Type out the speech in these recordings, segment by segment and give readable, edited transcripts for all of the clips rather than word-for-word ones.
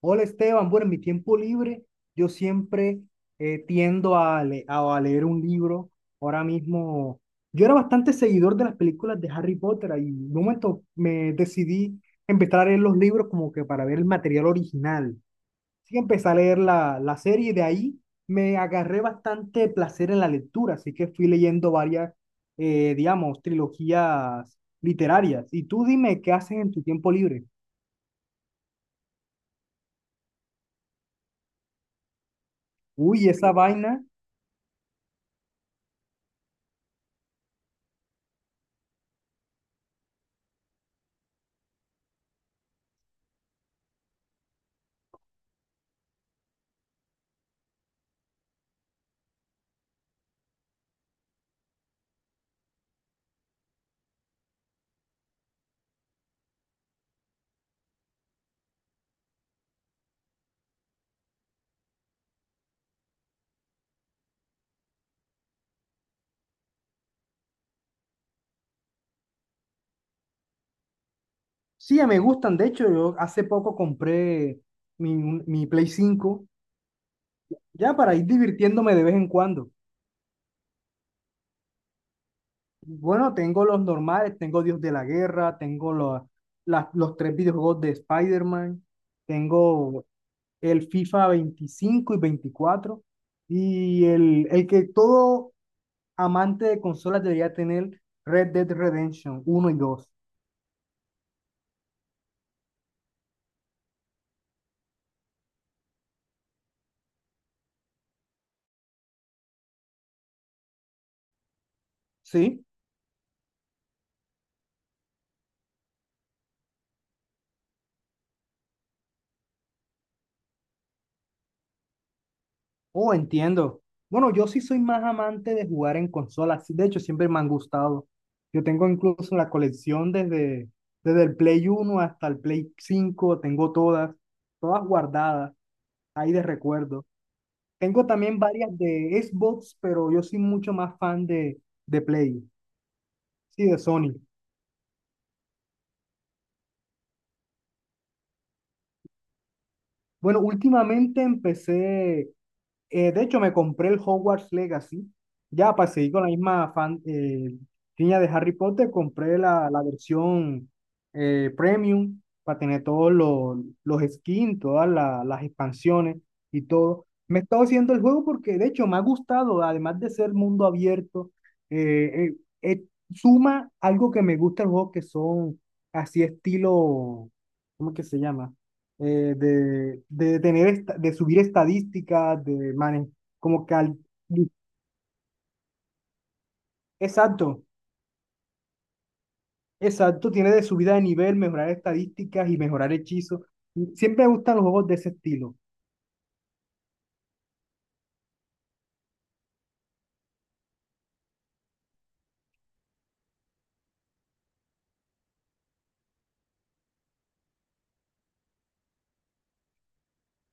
Hola Esteban, bueno, en mi tiempo libre yo siempre tiendo a leer un libro. Ahora mismo, yo era bastante seguidor de las películas de Harry Potter y en un momento me decidí empezar a leer los libros como que para ver el material original. Así que empecé a leer la serie y de ahí me agarré bastante placer en la lectura, así que fui leyendo varias, digamos, trilogías literarias. Y tú dime, ¿qué haces en tu tiempo libre? Uy, esa vaina. Sí, ya me gustan. De hecho, yo hace poco compré mi Play 5, ya para ir divirtiéndome de vez en cuando. Bueno, tengo los normales, tengo Dios de la Guerra, tengo los tres videojuegos de Spider-Man, tengo el FIFA 25 y 24 y el que todo amante de consolas debería tener, Red Dead Redemption 1 y 2. ¿Sí? Oh, entiendo. Bueno, yo sí soy más amante de jugar en consolas. De hecho, siempre me han gustado. Yo tengo incluso la colección desde, desde el Play 1 hasta el Play 5. Tengo todas, todas guardadas, ahí de recuerdo. Tengo también varias de Xbox, pero yo soy mucho más fan de Play, sí, de Sony. Bueno, últimamente empecé. De hecho, me compré el Hogwarts Legacy. Ya para seguir con la misma fan, línea de Harry Potter, compré la versión premium para tener todos los skins, todas las expansiones y todo. Me he estado haciendo el juego porque, de hecho, me ha gustado, además de ser mundo abierto, eh, eh, eh, suma algo que me gusta el juego, que son así estilo, ¿cómo es que se llama? De de subir estadísticas, de manejar, como que al- exacto, exacto, tiene de subida de nivel, mejorar estadísticas y mejorar hechizos. Siempre me gustan los juegos de ese estilo.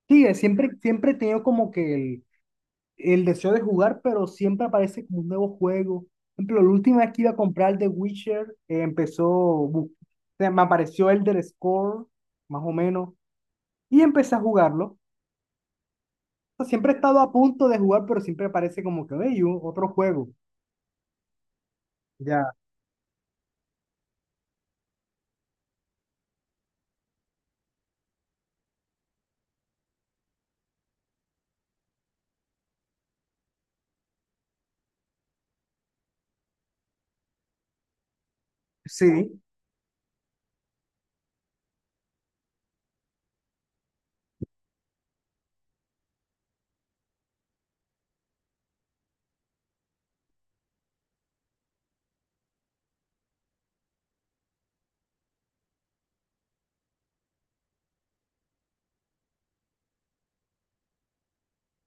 Sí, siempre he tenido como que el deseo de jugar, pero siempre aparece como un nuevo juego. Por ejemplo, la última vez que iba a comprar el de Witcher, o sea, me apareció el del Score, más o menos, y empecé a jugarlo. Siempre he estado a punto de jugar, pero siempre aparece como que, hey, otro juego. Ya. Sí.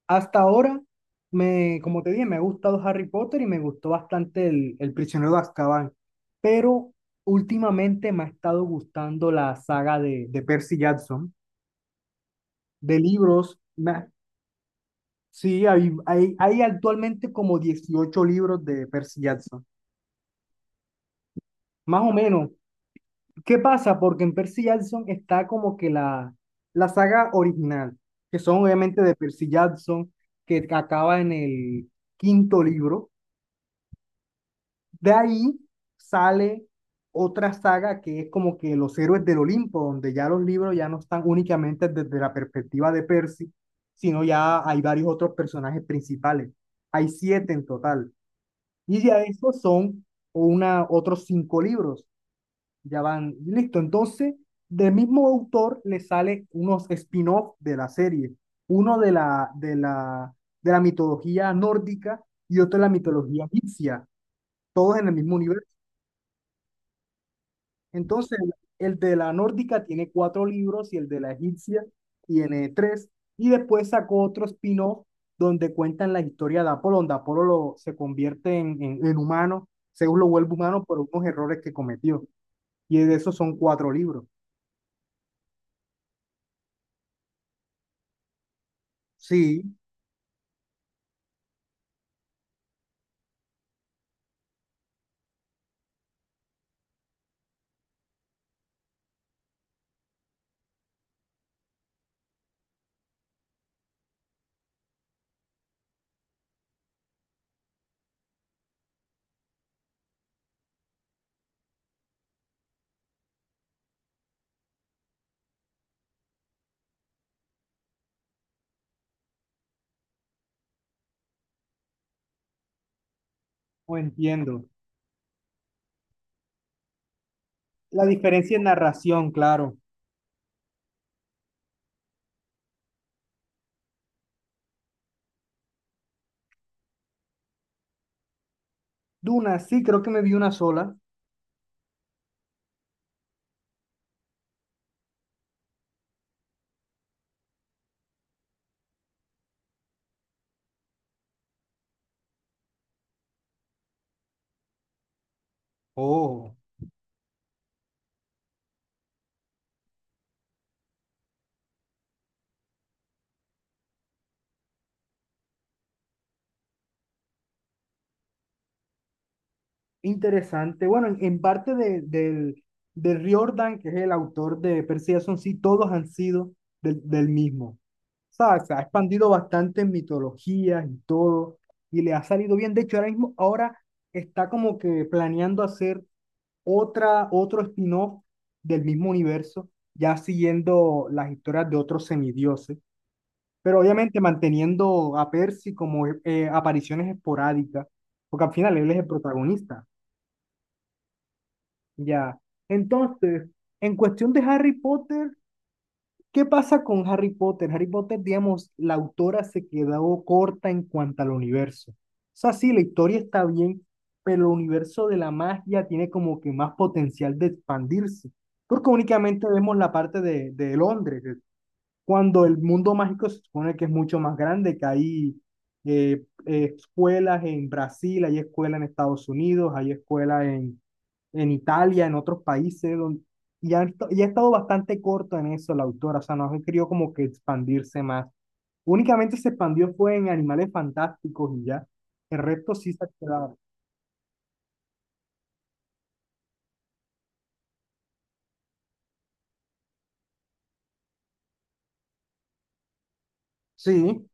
Hasta ahora, me, como te dije, me ha gustado Harry Potter y me gustó bastante el Prisionero de Azkaban, pero últimamente me ha estado gustando la saga de Percy Jackson, de libros. Sí, hay actualmente como 18 libros de Percy Jackson, más o menos. ¿Qué pasa? Porque en Percy Jackson está como que la saga original, que son obviamente de Percy Jackson, que acaba en el quinto libro. De ahí sale otra saga que es como que los héroes del Olimpo, donde ya los libros ya no están únicamente desde la perspectiva de Percy, sino ya hay varios otros personajes principales. Hay siete en total. Y ya esos son una, otros cinco libros. Ya van, listo. Entonces, del mismo autor le sale unos spin-off de la serie, uno de de la mitología nórdica y otro de la mitología egipcia, todos en el mismo universo. Entonces, el de la nórdica tiene cuatro libros y el de la egipcia tiene tres. Y después sacó otro spin-off donde cuentan la historia de Apolo, donde Apolo se convierte en humano, Zeus lo vuelve humano por unos errores que cometió. Y de esos son cuatro libros. Sí. Oh, entiendo. La diferencia en narración, claro. Duna, sí, creo que me vi una sola. Oh, interesante. Bueno, en parte del Riordan, que es el autor de Percy Jackson, sí, todos han sido del mismo. O sea, se ha expandido bastante en mitologías y todo, y le ha salido bien. De hecho, ahora mismo, ahora está como que planeando hacer otra, otro spin-off del mismo universo, ya siguiendo las historias de otros semidioses, pero obviamente manteniendo a Percy como apariciones esporádicas, porque al final él es el protagonista, ya. Entonces, en cuestión de Harry Potter, ¿qué pasa con Harry Potter? Harry Potter, digamos, la autora se quedó corta en cuanto al universo. O sea, sí, la historia está bien, pero el universo de la magia tiene como que más potencial de expandirse, porque únicamente vemos la parte de Londres, cuando el mundo mágico se supone que es mucho más grande, que hay escuelas en Brasil, hay escuelas en Estados Unidos, hay escuelas en Italia, en otros países, donde, y ha estado bastante corto en eso la autora, o sea, no ha querido como que expandirse más. Únicamente se expandió fue en Animales Fantásticos y ya, el resto sí se ha quedado. Sí,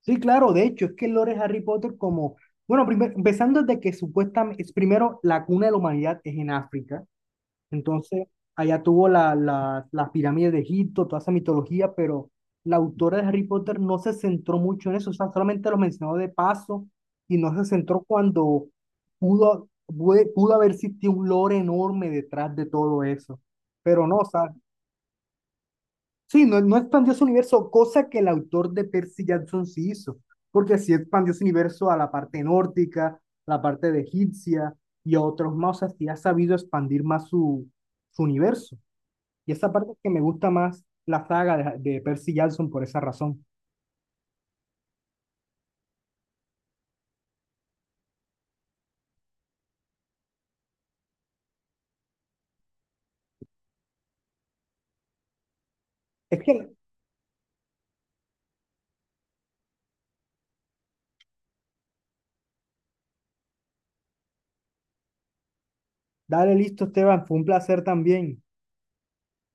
sí, claro, de hecho, es que el lore de Harry Potter como... Bueno, empezando desde que supuestamente, es primero, la cuna de la humanidad es en África. Entonces, allá tuvo las pirámides de Egipto, toda esa mitología, pero la autora de Harry Potter no se centró mucho en eso, o sea, solamente lo mencionó de paso y no se centró cuando pudo haber existido un lore enorme detrás de todo eso. Pero no, o sea, sí, no, no expandió su universo, cosa que el autor de Percy Jackson sí hizo, porque sí expandió su universo a la parte nórdica, la parte de egipcia y a otros más, o sea, sí ha sabido expandir más su, su universo. Y esa parte es que me gusta más la saga de Percy Jackson por esa razón. Es que, dale listo, Esteban, fue un placer también.